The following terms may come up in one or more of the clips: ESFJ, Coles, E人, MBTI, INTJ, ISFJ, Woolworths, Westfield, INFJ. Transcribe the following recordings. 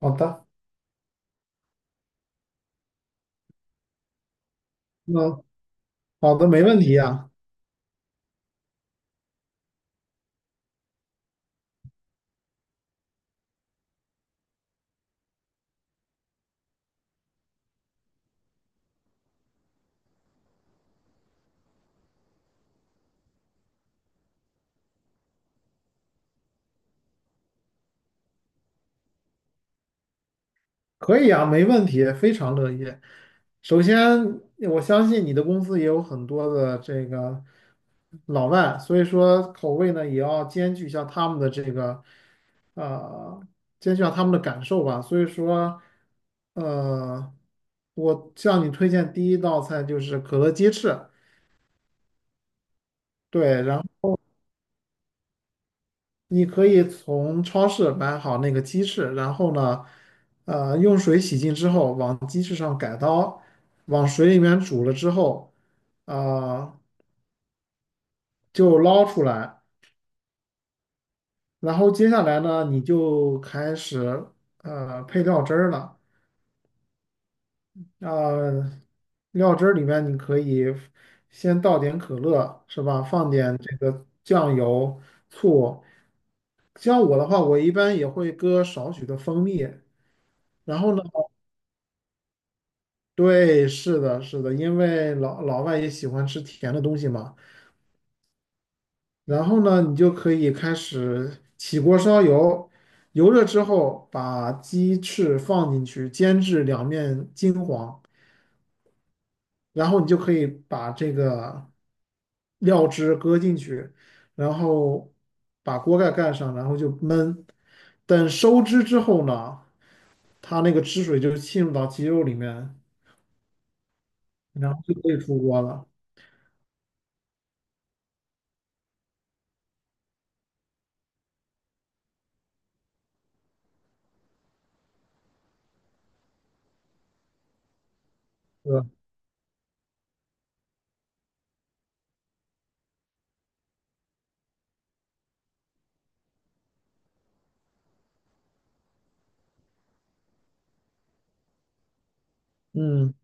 好的。嗯。好的，没问题啊。可以啊，没问题，非常乐意。首先，我相信你的公司也有很多的这个老外，所以说口味呢也要兼具一下他们的这个，呃，兼具一下他们的感受吧。所以说，呃，我向你推荐第一道菜就是可乐鸡翅。对，你可以从超市买好那个鸡翅，然后呢，用水洗净之后，往鸡翅上改刀，往水里面煮了之后，呃，就捞出来。然后接下来呢，你就开始配料汁儿了。呃，料汁儿里面你可以先倒点可乐，是吧？放点这个酱油、醋。像我的话，我一般也会搁少许的蜂蜜。然后呢？对，是的，是的，因为老老外也喜欢吃甜的东西嘛。然后呢，你就可以开始起锅烧油，油热之后把鸡翅放进去，煎至两面金黄，然后你就可以把这个料汁搁进去，然后把锅盖盖上，然后就焖。等收汁之后呢，它那个汁水就浸入到鸡肉里面，然后就可以出锅了。是吧，嗯。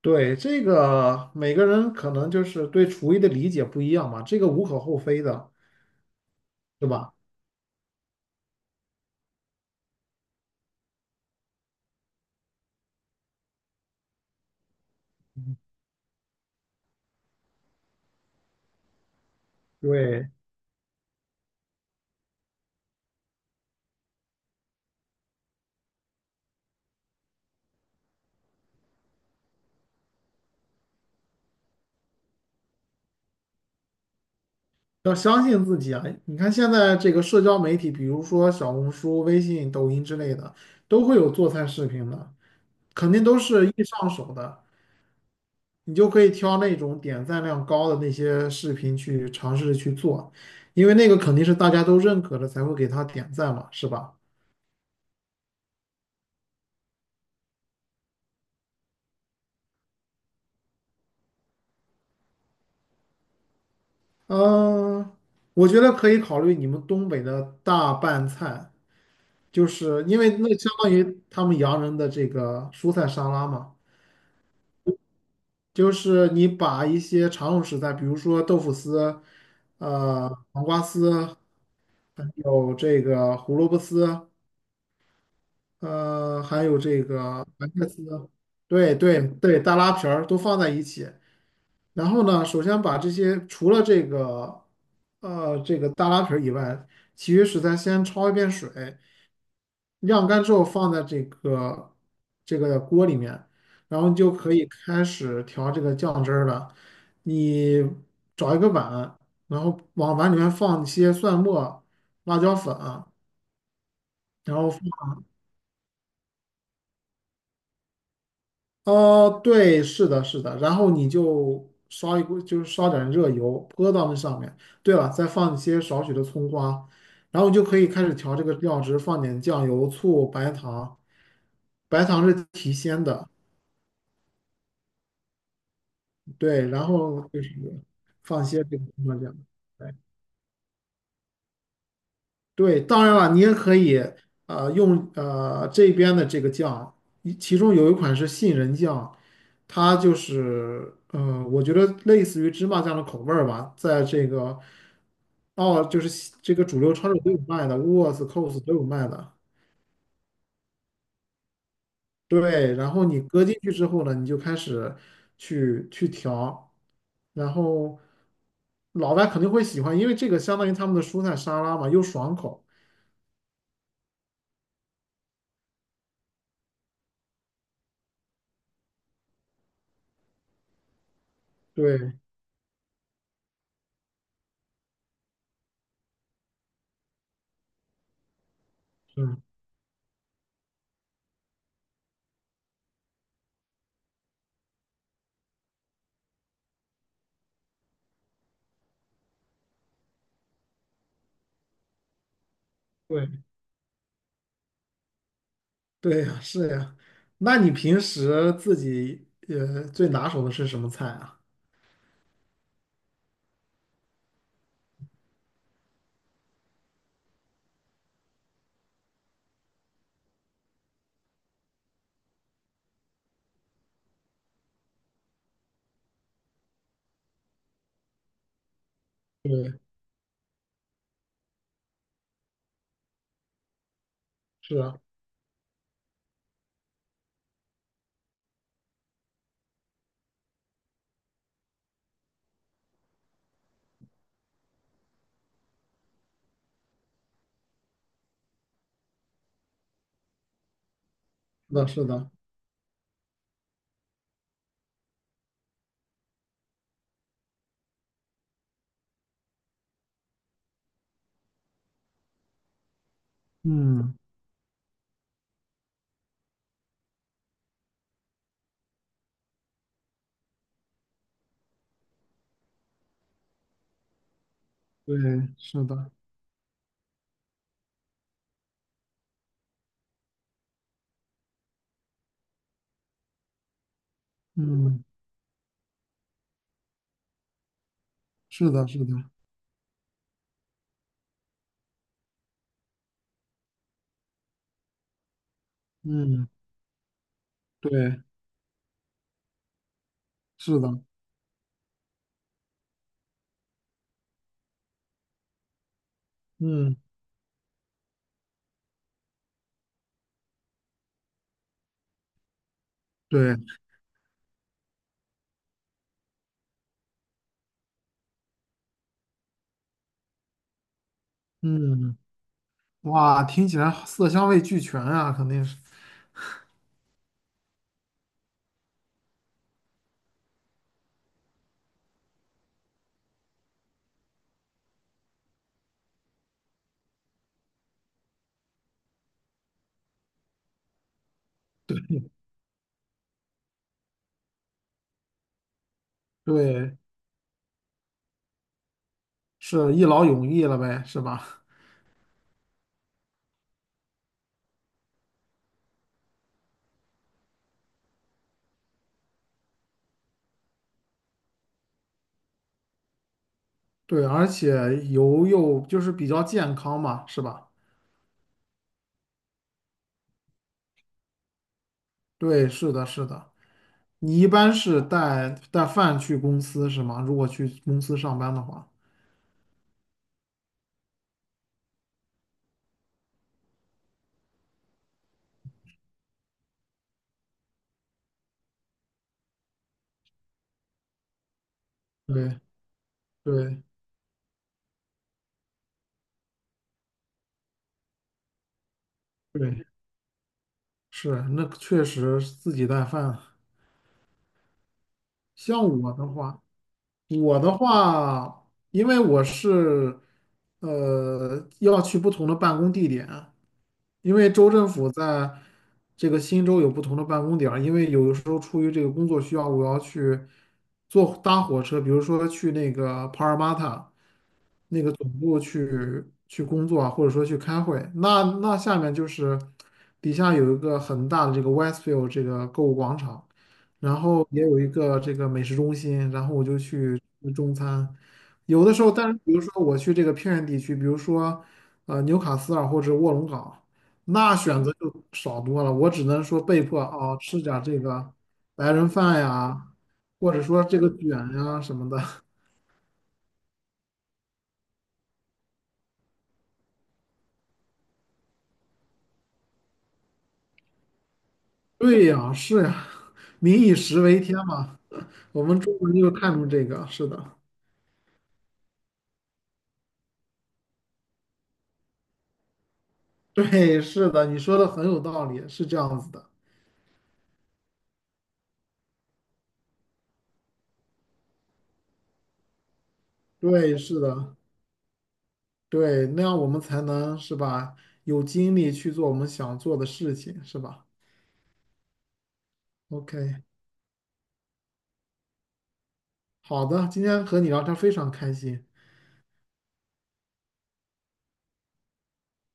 对，这个每个人可能就是对厨艺的理解不一样嘛，这个无可厚非的，对吧？对，要相信自己啊！你看现在这个社交媒体，比如说小红书、微信、抖音之类的，都会有做菜视频的，肯定都是易上手的，你就可以挑那种点赞量高的那些视频去尝试着去做，因为那个肯定是大家都认可的，才会给他点赞嘛，是吧？嗯、我觉得可以考虑你们东北的大拌菜。就是因为那相当于他们洋人的这个蔬菜沙拉嘛，就是你把一些常用食材，比如说豆腐丝、黄瓜丝，还有这个胡萝卜丝，还有这个白菜丝。对对对，大拉皮儿都放在一起。然后呢，首先把这些除了这个这个大拉皮儿以外，其余食材先焯一遍水，晾干之后放在这个锅里面，然后你就可以开始调这个酱汁儿了。你找一个碗，然后往碗里面放一些蒜末、辣椒粉，然后放哦，对，是的，是的，然后你就烧一锅，就是烧点热油泼到那上面。对了，再放一些少许的葱花，然后你就可以开始调这个料汁，放点酱油、醋、白糖。白糖是提鲜的，对，然后就是放些这个芝麻酱。对，对，当然了，你也可以用这边的这个酱，其中有一款是杏仁酱，它就是呃，我觉得类似于芝麻酱的口味儿吧，在这个哦，就是这个主流超市都有卖的 Woolworths Coles 都有卖的。对，然后你搁进去之后呢，你就开始去调，然后老外肯定会喜欢，因为这个相当于他们的蔬菜沙拉嘛，又爽口。对，嗯，对，对呀，是呀。那你平时自己最拿手的是什么菜啊？对，是啊，是的，是的，嗯，对，是的，嗯，是的，是的，嗯，对，是的，嗯，对，嗯。哇，听起来色香味俱全啊，肯定是，对，是一劳永逸了呗，是吧？对，而且油又就是比较健康嘛，是吧？对，是的，是的。你一般是带饭去公司是吗？如果去公司上班的话，对对对，是，那确实自己带饭。像我的话，因为我是要去不同的办公地点。因为州政府在这个新州有不同的办公点儿，因为有的时候出于这个工作需要，我要去坐搭火车，比如说去那个帕尔马塔，那个总部去工作啊，或者说去开会。那下面就是底下有一个很大的这个 Westfield 这个购物广场，然后也有一个这个美食中心，然后我就去吃中餐。有的时候，但是比如说我去这个偏远地区，比如说纽卡斯尔或者卧龙岗，那选择就少多了。我只能说被迫哦吃点儿这个白人饭呀，或者说这个卷呀什么的。对呀，是呀，民以食为天嘛。我们中国人就看重这个，是的，对，是的，你说的很有道理，是这样子的，对，是的，对，那样我们才能是吧，有精力去做我们想做的事情，是吧？OK，好的，今天和你聊天非常开心。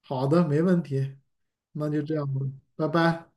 好的，没问题，那就这样吧，拜拜。